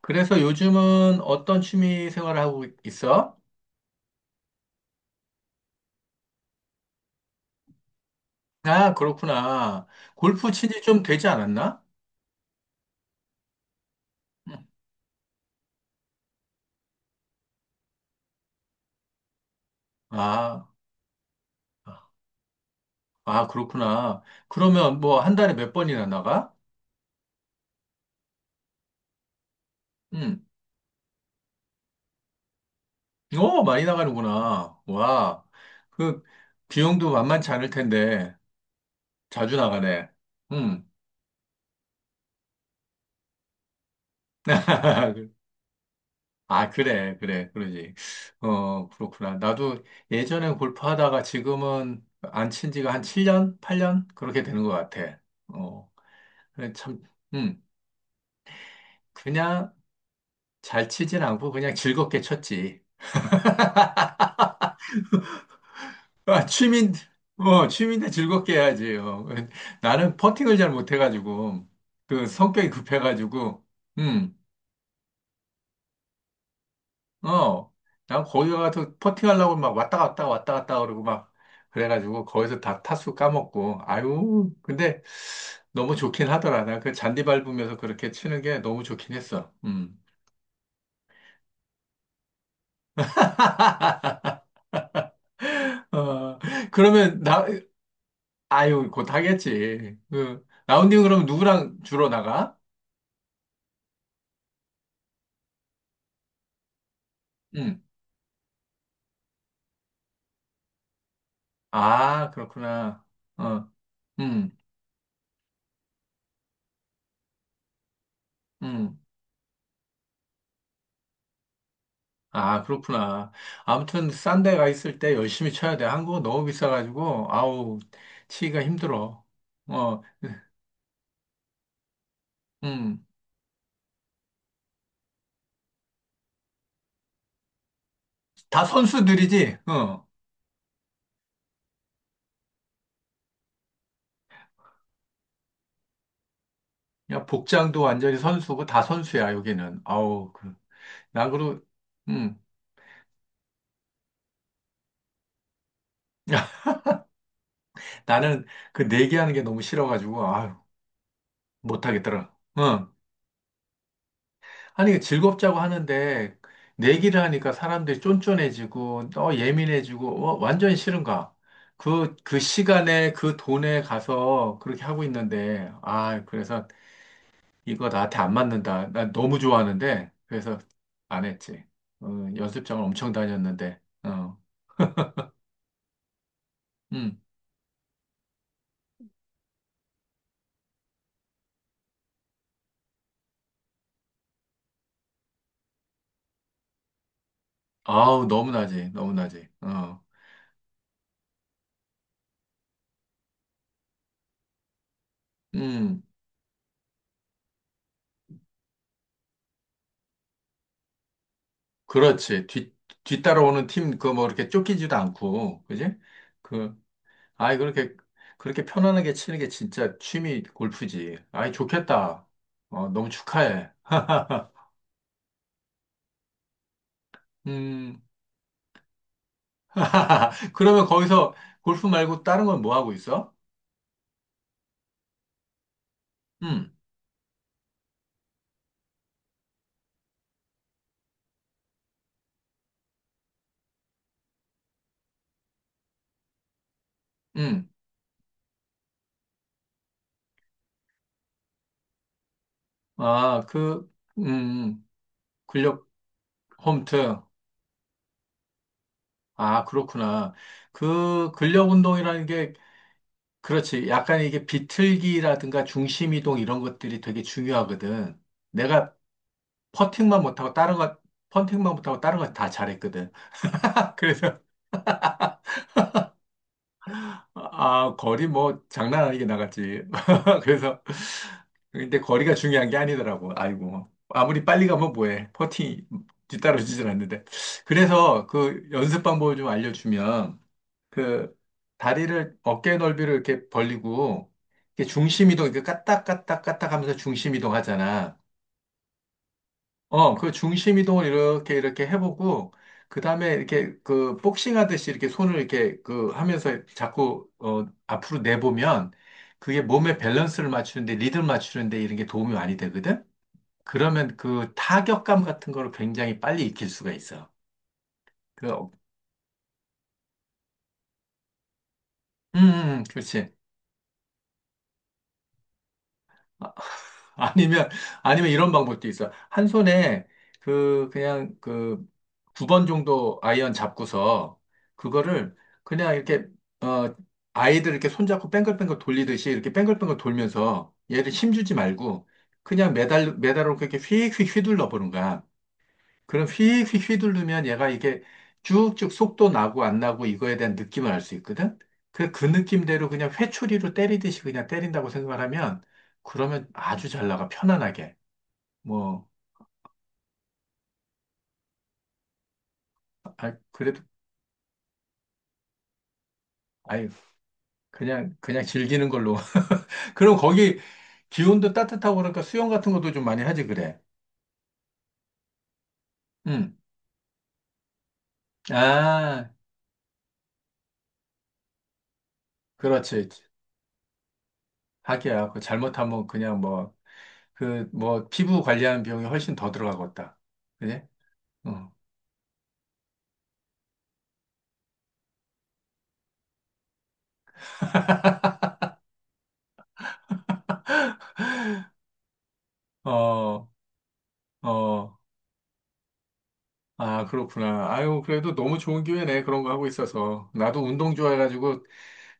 그래서 요즘은 어떤 취미 생활을 하고 있어? 아, 그렇구나. 골프 친지 좀 되지 않았나? 응. 아, 아, 그렇구나. 그러면 뭐 한 달에 몇 번이나 나가? 응. 오, 많이 나가는구나. 와, 그 비용도 만만치 않을 텐데 자주 나가네. 응. 아, 그래, 그래, 그러지. 어, 그렇구나. 나도 예전에 골프 하다가 지금은 안 친 지가 한 7년, 8년? 그렇게 되는 것 같아. 어. 그래, 참, 음, 그냥 잘 치진 않고 그냥 즐겁게 쳤지. 아, 취미인데 즐겁게 해야지. 요 나는 퍼팅을 잘 못해가지고, 그 성격이 급해가지고, 음, 어, 난 거기 가서 퍼팅하려고 막 왔다 갔다 왔다 갔다 그러고 막, 그래가지고 거기서 다 타수 까먹고, 아유, 근데 너무 좋긴 하더라. 나 그 잔디 밟으면서 그렇게 치는 게 너무 좋긴 했어. 음. 어, 그러면 나, 아유, 곧 하겠지. 그, 라운딩 그럼 누구랑 주로 나가? 응. 아, 그렇구나. 어, 응, 응. 아, 그렇구나. 아무튼, 싼 데가 있을 때 열심히 쳐야 돼. 한국은 너무 비싸가지고, 아우, 치기가 힘들어. 어, 응. 다 선수들이지? 어. 야, 복장도 완전히 선수고, 다 선수야, 여기는. 아우, 나 그러, 응. 나는 그 내기하는 게 너무 싫어가지고, 아유, 못하겠더라. 응. 아니, 즐겁자고 하는데, 내기를 하니까 사람들이 쫀쫀해지고, 또 예민해지고, 완전히 싫은가? 그 시간에 그 돈에 가서 그렇게 하고 있는데, 아, 그래서 이거 나한테 안 맞는다. 나 너무 좋아하는데, 그래서 안 했지. 어, 연습장을 엄청 다녔는데, 음, 아우, 너무나지, 너무나지, 음, 그렇지. 뒤따라오는 팀, 그 뭐 이렇게 쫓기지도 않고, 그지? 그 아이, 그렇게, 그렇게 편안하게 치는 게 진짜 취미 골프지. 아이, 좋겠다. 너무 축하해. 음, 그러면 거기서 골프 말고 다른 건 뭐 하고 있어? 음, 음, 아, 그, 음, 음. 근력 홈트. 아, 그렇구나. 그 근력 운동이라는 게, 그렇지. 약간 이게 비틀기라든가 중심 이동 이런 것들이 되게 중요하거든. 내가 퍼팅만 못하고 다른 것, 퍼팅만 못하고 다른 건 다 잘했거든. 그래서 아, 거리 뭐 장난 아니게 나갔지. 그래서 근데 거리가 중요한 게 아니더라고. 아이고. 아무리 빨리 가면 뭐해. 퍼팅 뒤따라오질 않는데. 그래서 그 연습 방법을 좀 알려주면 그 다리를 어깨 넓이를 이렇게 벌리고 이렇게 중심 이동 이렇게 까딱 까딱 까딱 하면서 중심 이동 하잖아. 그 중심 이동을 이렇게 이렇게 해보고 그 다음에 이렇게 그 복싱 하듯이 이렇게 손을 이렇게 그 하면서 자꾸 앞으로 내보면 그게 몸의 밸런스를 맞추는데 리듬 맞추는데 이런 게 도움이 많이 되거든. 그러면 그 타격감 같은 거를 굉장히 빨리 익힐 수가 있어. 그, 어, 그렇지. 아, 아니면 아니면 이런 방법도 있어. 한 손에 그 그냥 그 2번 정도 아이언 잡고서 그거를 그냥 이렇게 아이들 이렇게 손잡고 뱅글뱅글 돌리듯이 이렇게 뱅글뱅글 돌면서 얘를 힘주지 말고 그냥 매달로 그렇게 휙휙 휘둘러 보는 거야. 그럼 휙휙 휘두르면 얘가 이게 쭉쭉 속도 나고 안 나고 이거에 대한 느낌을 알 수 있거든? 그그 느낌대로 그냥 회초리로 때리듯이 그냥 때린다고 생각을 하면 그러면 아주 잘 나가, 편안하게. 뭐, 아, 그래도, 아유, 그냥, 그냥 즐기는 걸로. 그럼 거기 기온도 따뜻하고 그러니까 수영 같은 것도 좀 많이 하지, 그래. 응. 아. 그렇지. 하기야. 그 잘못하면 그냥 뭐, 그, 뭐, 피부 관리하는 비용이 훨씬 더 들어가겠다. 그지? 어, 어, 어. 아, 그렇구나. 아유, 그래도 너무 좋은 기회네. 그런 거 하고 있어서. 나도 운동 좋아해가지고,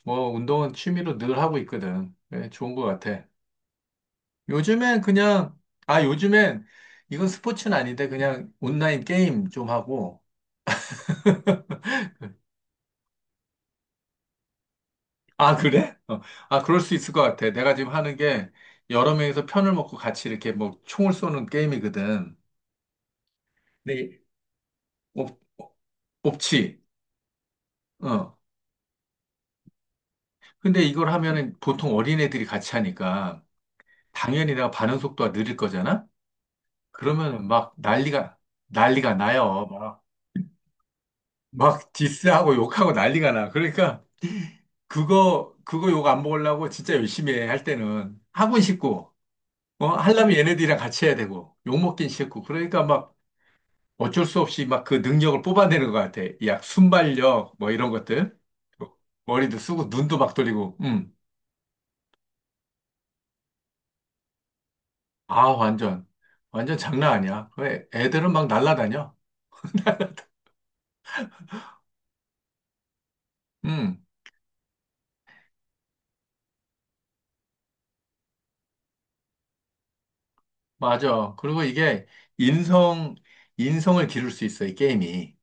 뭐, 운동은 취미로 늘 하고 있거든. 네, 좋은 거 같아. 요즘엔 그냥, 요즘엔, 이건 스포츠는 아닌데, 그냥 온라인 게임 좀 하고, 아, 그래? 어. 아, 그럴 수 있을 것 같아. 내가 지금 하는 게 여러 명이서 편을 먹고 같이 이렇게 뭐 총을 쏘는 게임이거든. 근데 옵, 옵치. 어. 근데 이걸 하면은 보통 어린애들이 같이 하니까 당연히 내가 반응 속도가 느릴 거잖아? 그러면 막 난리가 나요. 막 디스하고 욕하고 난리가 나. 그러니까 그거 욕 안 먹으려고 진짜 열심히 해, 할 때는. 하고 싶고, 하려면 얘네들이랑 같이 해야 되고, 욕 먹긴 싫고. 그러니까 막, 어쩔 수 없이 막 그 능력을 뽑아내는 것 같아. 이 약 순발력 뭐 이런 것들. 머리도 쓰고 눈도 막 돌리고. 음. 아, 완전. 완전 장난 아니야. 왜 애들은 막 날라다녀. 음. 맞아. 그리고 이게 인성 인성을 기를 수 있어, 이 게임이.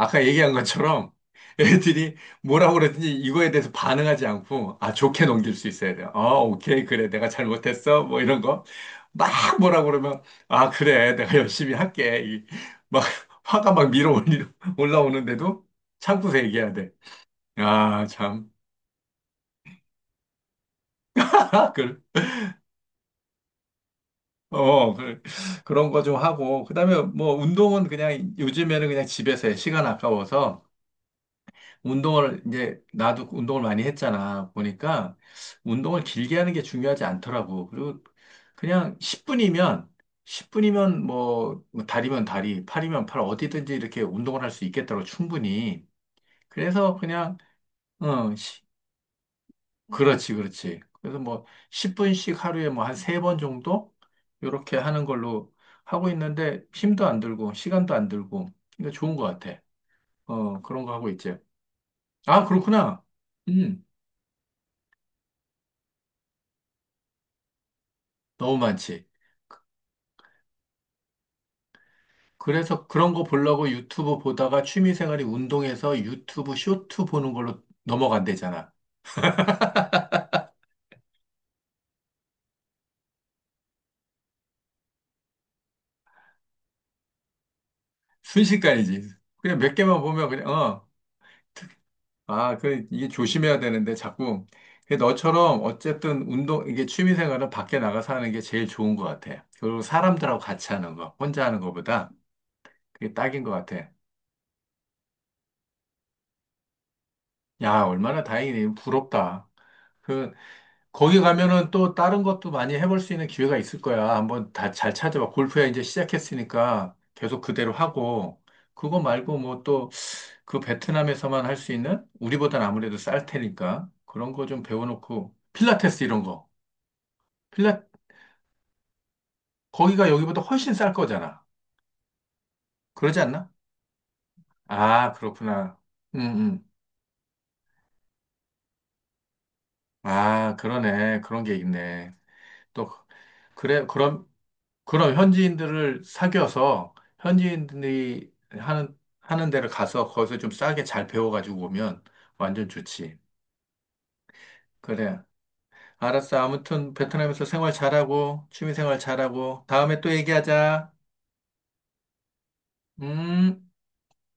아까 얘기한 것처럼 애들이 뭐라고 그랬든지 이거에 대해서 반응하지 않고 아 좋게 넘길 수 있어야 돼요. 어 오케이 그래 내가 잘못했어 뭐 이런 거 막 뭐라고 그러면 아 그래 내가 열심히 할게 막 화가 막 올라오는데도 참고서 얘기해야 돼. 아 참. 그 어, 그, 그런 거 좀 하고, 그 다음에 뭐 운동은 그냥 요즘에는 그냥 집에서 해. 시간 아까워서 운동을 이제 나도 운동을 많이 했잖아. 보니까 운동을 길게 하는 게 중요하지 않더라고. 그리고 그냥 10분이면 뭐 다리면 다리, 팔이면 팔 어디든지 이렇게 운동을 할 수 있겠더라고 충분히. 그래서 그냥 어, 시- 그렇지, 그렇지. 그래서 뭐 10분씩 하루에 뭐 한 3번 정도 이렇게 하는 걸로 하고 있는데 힘도 안 들고 시간도 안 들고 그러니까 좋은 것 같아. 어, 그런 거 하고 있지. 아, 그렇구나. 음. 너무 많지. 그래서 그런 거 보려고 유튜브 보다가 취미생활이 운동해서 유튜브 쇼트 보는 걸로 넘어간대잖아. 순식간이지. 그냥 몇 개만 보면 그냥, 어. 아, 그, 이게 조심해야 되는데, 자꾸. 근데 너처럼, 어쨌든, 운동, 이게 취미생활은 밖에 나가서 하는 게 제일 좋은 것 같아. 그리고 사람들하고 같이 하는 거, 혼자 하는 거보다 그게 딱인 것 같아. 야, 얼마나 다행이네. 부럽다. 그, 거기 가면은 또 다른 것도 많이 해볼 수 있는 기회가 있을 거야. 한번 다 잘 찾아봐. 골프야 이제 시작했으니까 계속 그대로 하고, 그거 말고 뭐 또 그 베트남에서만 할 수 있는 우리보단 아무래도 쌀 테니까 그런 거 좀 배워놓고, 필라테스 이런 거. 필라, 거기가 여기보다 훨씬 쌀 거잖아. 그러지 않나? 아, 그렇구나. 음, 음. 아, 그러네. 그런 게 있네. 또, 그래, 그럼. 그럼 현지인들을 사귀어서 현지인들이 하는 데를 가서 거기서 좀 싸게 잘 배워가지고 오면 완전 좋지. 그래. 알았어. 아무튼 베트남에서 생활 잘하고, 취미 생활 잘하고, 다음에 또 얘기하자. 음.